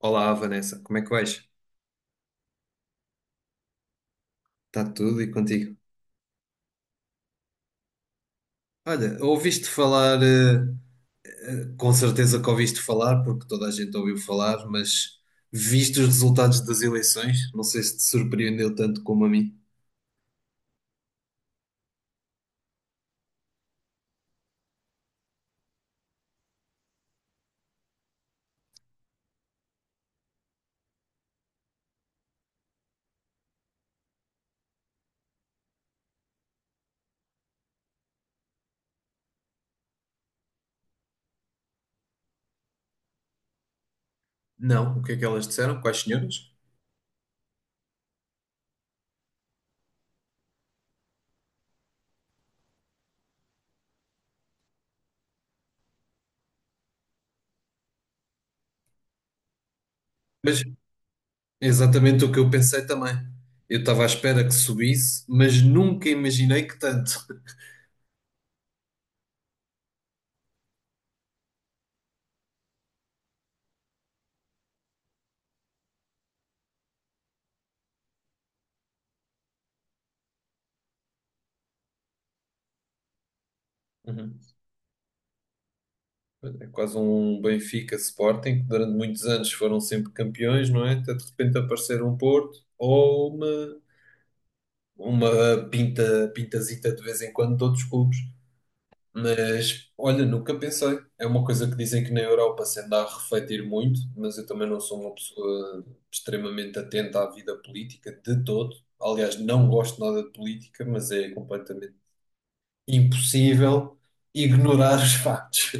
Olá, Vanessa, como é que vais? Está tudo e contigo? Olha, ouviste falar, com certeza que ouviste falar, porque toda a gente ouviu falar, mas viste os resultados das eleições? Não sei se te surpreendeu tanto como a mim. Não, o que é que elas disseram? Quais senhoras? Mas é exatamente o que eu pensei também. Eu estava à espera que subisse, mas nunca imaginei que tanto. Uhum. É quase um Benfica Sporting, que durante muitos anos foram sempre campeões, não é? Até de repente aparecer um Porto ou uma pinta, pintazita de vez em quando de outros clubes, mas olha, nunca pensei. É uma coisa que dizem que na Europa se anda a refletir muito, mas eu também não sou uma pessoa extremamente atenta à vida política de todo. Aliás, não gosto nada de política, mas é completamente impossível ignorar os factos.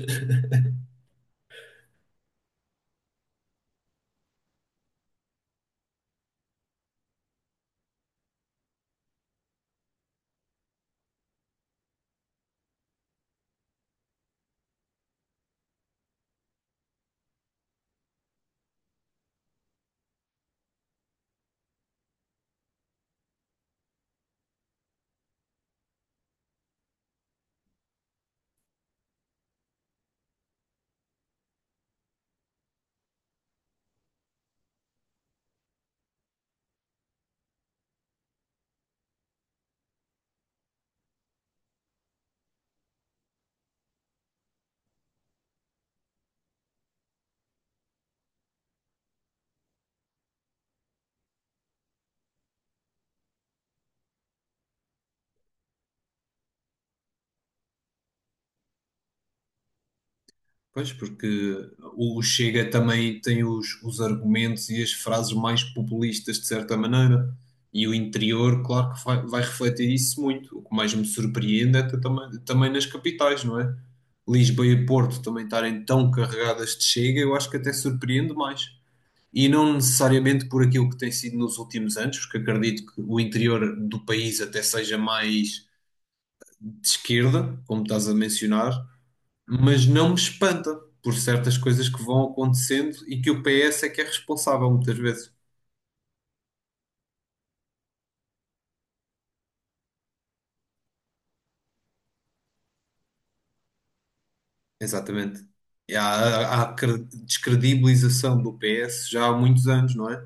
Pois, porque o Chega também tem os argumentos e as frases mais populistas, de certa maneira. E o interior, claro que vai refletir isso muito. O que mais me surpreende é também, também nas capitais, não é? Lisboa e Porto também estarem tão carregadas de Chega, eu acho que até surpreende mais. E não necessariamente por aquilo que tem sido nos últimos anos, porque acredito que o interior do país até seja mais de esquerda, como estás a mencionar, mas não me espanta por certas coisas que vão acontecendo e que o PS é que é responsável muitas vezes. Exatamente. Descredibilização do PS já há muitos anos, não é?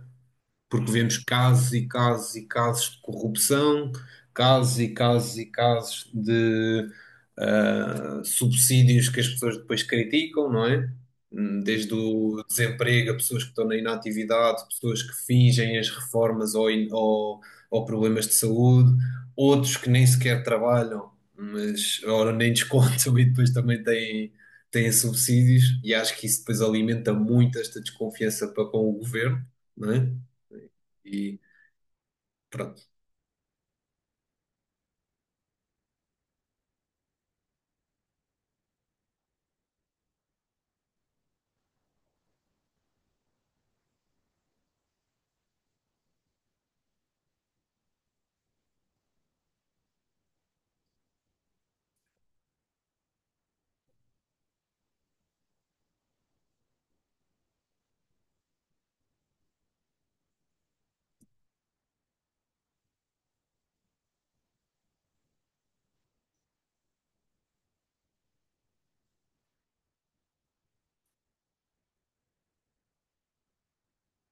Porque vemos casos e casos e casos de corrupção, casos e casos e casos de subsídios que as pessoas depois criticam, não é? Desde o desemprego, a pessoas que estão na inatividade, pessoas que fingem as reformas ou problemas de saúde, outros que nem sequer trabalham, mas ora nem descontam e depois também têm subsídios, e acho que isso depois alimenta muito esta desconfiança para com o governo, não é? E pronto,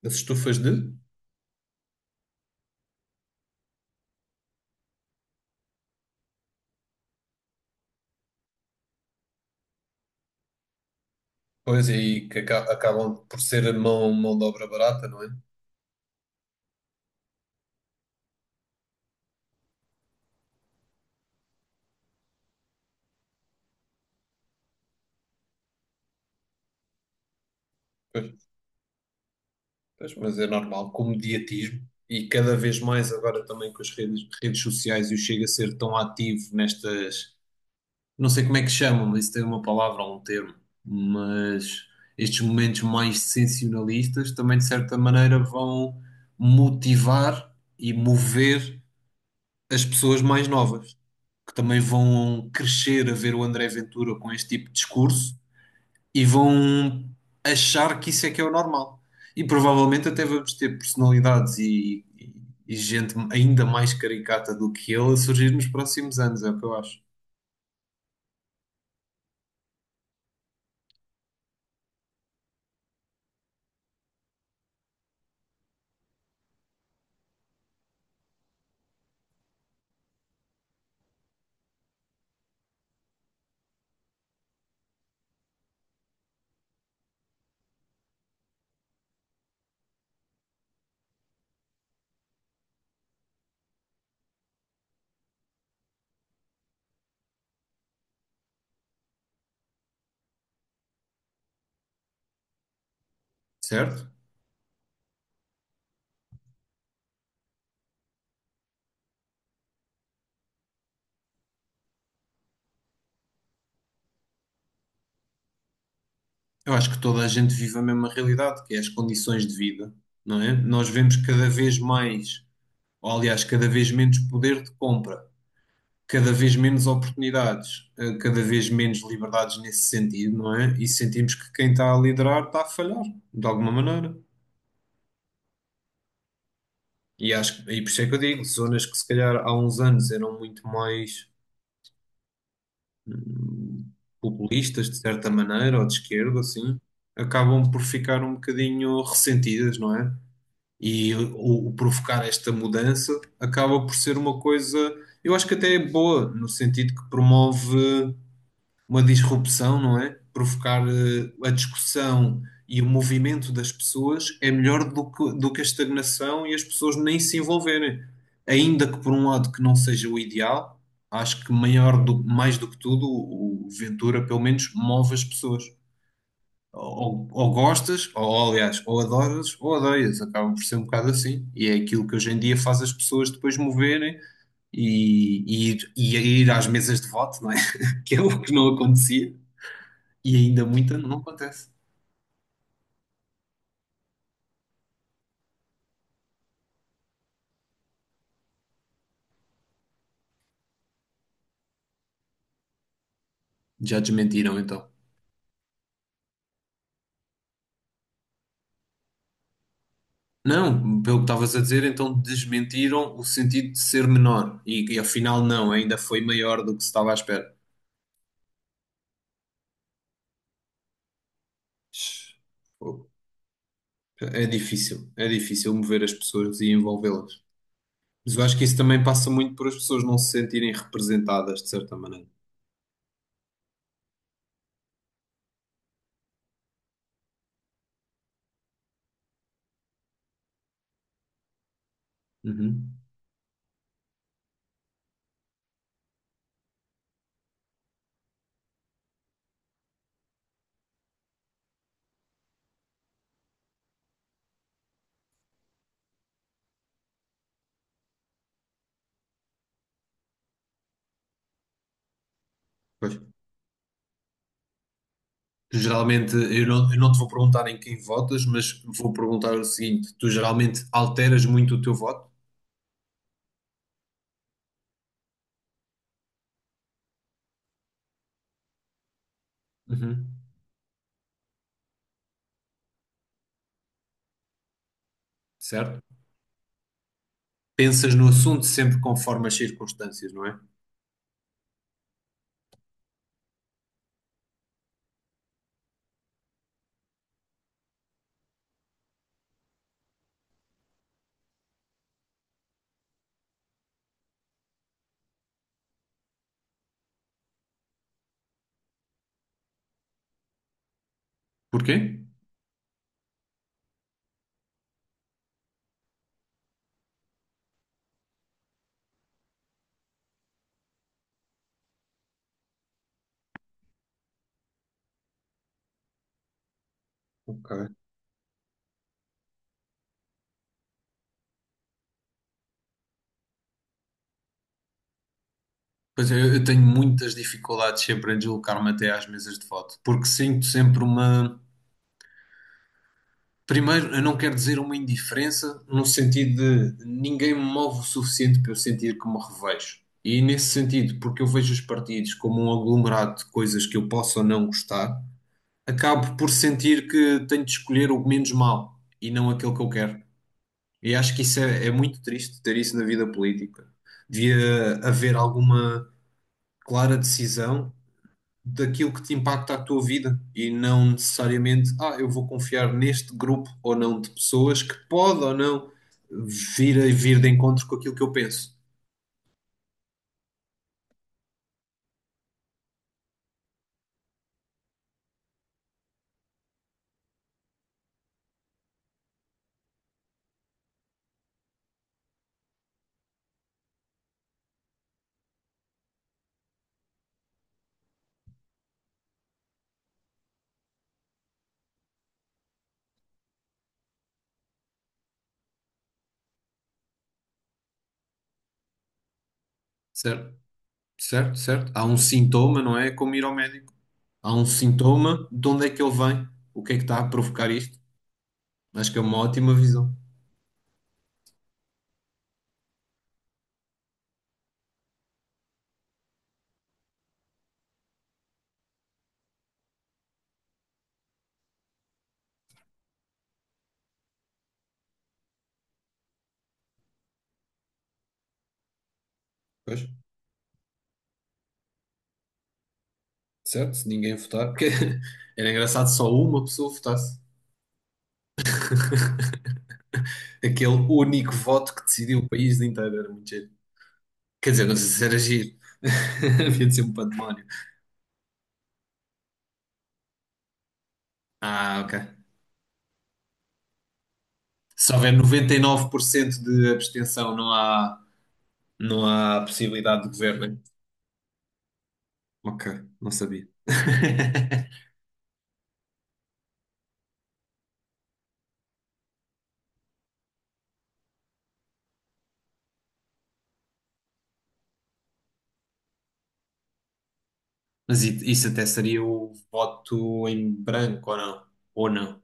as estufas de. Pois, e que acabam por ser a mão de obra barata, não é? Pois. Pois, mas é normal, com o mediatismo, e cada vez mais agora também com as redes sociais e o Chega a ser tão ativo nestas, não sei como é que chamam, mas isso tem uma palavra ou um termo, mas estes momentos mais sensacionalistas também de certa maneira vão motivar e mover as pessoas mais novas, que também vão crescer a ver o André Ventura com este tipo de discurso e vão achar que isso é que é o normal. E provavelmente até vamos ter e gente ainda mais caricata do que ele a surgir nos próximos anos, é o que eu acho, certo? Eu acho que toda a gente vive a mesma realidade, que é as condições de vida, não é? Nós vemos cada vez mais, ou aliás, cada vez menos poder de compra. Cada vez menos oportunidades, cada vez menos liberdades nesse sentido, não é? E sentimos que quem está a liderar está a falhar, de alguma maneira. E por isso é que eu digo, zonas que se calhar há uns anos eram muito mais hum, populistas, de certa maneira, ou de esquerda, assim, acabam por ficar um bocadinho ressentidas, não é? E o provocar esta mudança acaba por ser uma coisa, eu acho que até é boa, no sentido que promove uma disrupção, não é? Provocar a discussão e o movimento das pessoas é melhor do que a estagnação e as pessoas nem se envolverem. Ainda que por um lado que não seja o ideal, acho que mais do que tudo o Ventura pelo menos move as pessoas. Ou adoras ou odeias, acaba por ser um bocado assim. E é aquilo que hoje em dia faz as pessoas depois moverem e ir às mesas de voto, não é? Que é o que não acontecia. E ainda muita não acontece. Já desmentiram então. Não, pelo que estavas a dizer, então desmentiram o sentido de ser menor. E afinal, não, ainda foi maior do que se estava à espera. Pô, é difícil, é difícil mover as pessoas e envolvê-las. Mas eu acho que isso também passa muito por as pessoas não se sentirem representadas de certa maneira. Uhum. Pois. Geralmente, eu não te vou perguntar em quem votas, mas vou perguntar o seguinte: tu geralmente alteras muito o teu voto? Uhum. Certo? Pensas no assunto sempre conforme as circunstâncias, não é? Porquê? Ok. Pois é, eu tenho muitas dificuldades sempre em deslocar-me até às mesas de voto, porque sinto sempre uma. Primeiro, eu não quero dizer uma indiferença, no sentido de ninguém me move o suficiente para eu sentir que me revejo. E nesse sentido, porque eu vejo os partidos como um aglomerado de coisas que eu posso ou não gostar, acabo por sentir que tenho de escolher o menos mau e não aquele que eu quero. E acho que isso é, é muito triste ter isso na vida política. Devia haver alguma clara decisão daquilo que te impacta a tua vida e não necessariamente, eu vou confiar neste grupo ou não de pessoas que pode ou não vir de encontro com aquilo que eu penso. Certo? Certo, certo. Há um sintoma, não é? É como ir ao médico. Há um sintoma, de onde é que ele vem? O que é que está a provocar isto? Acho que é uma ótima visão. Pois. Certo? Se ninguém votar, porque era engraçado se só uma pessoa votasse. Aquele único voto que decidiu o país inteiro, era muito giro. Quer dizer, não sei se era giro. Havia de ser um pandemónio. Ah, ok. Se houver 99% de abstenção, não há possibilidade de governo. Hein? Ok, não sabia. Isso até seria o voto em branco, ou não? Ou não?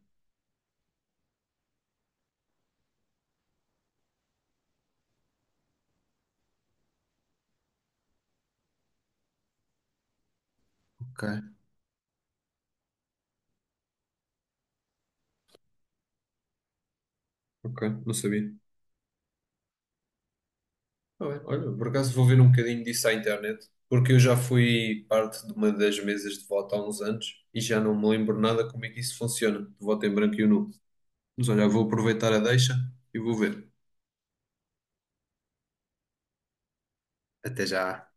Ok, ok, não sabia. Tá bem. Olha, por acaso vou ver um bocadinho disso à internet, porque eu já fui parte de uma das mesas de voto há uns anos e já não me lembro nada como é que isso funciona, de voto em branco e nulo. Mas olha, vou aproveitar a deixa e vou ver. Até já.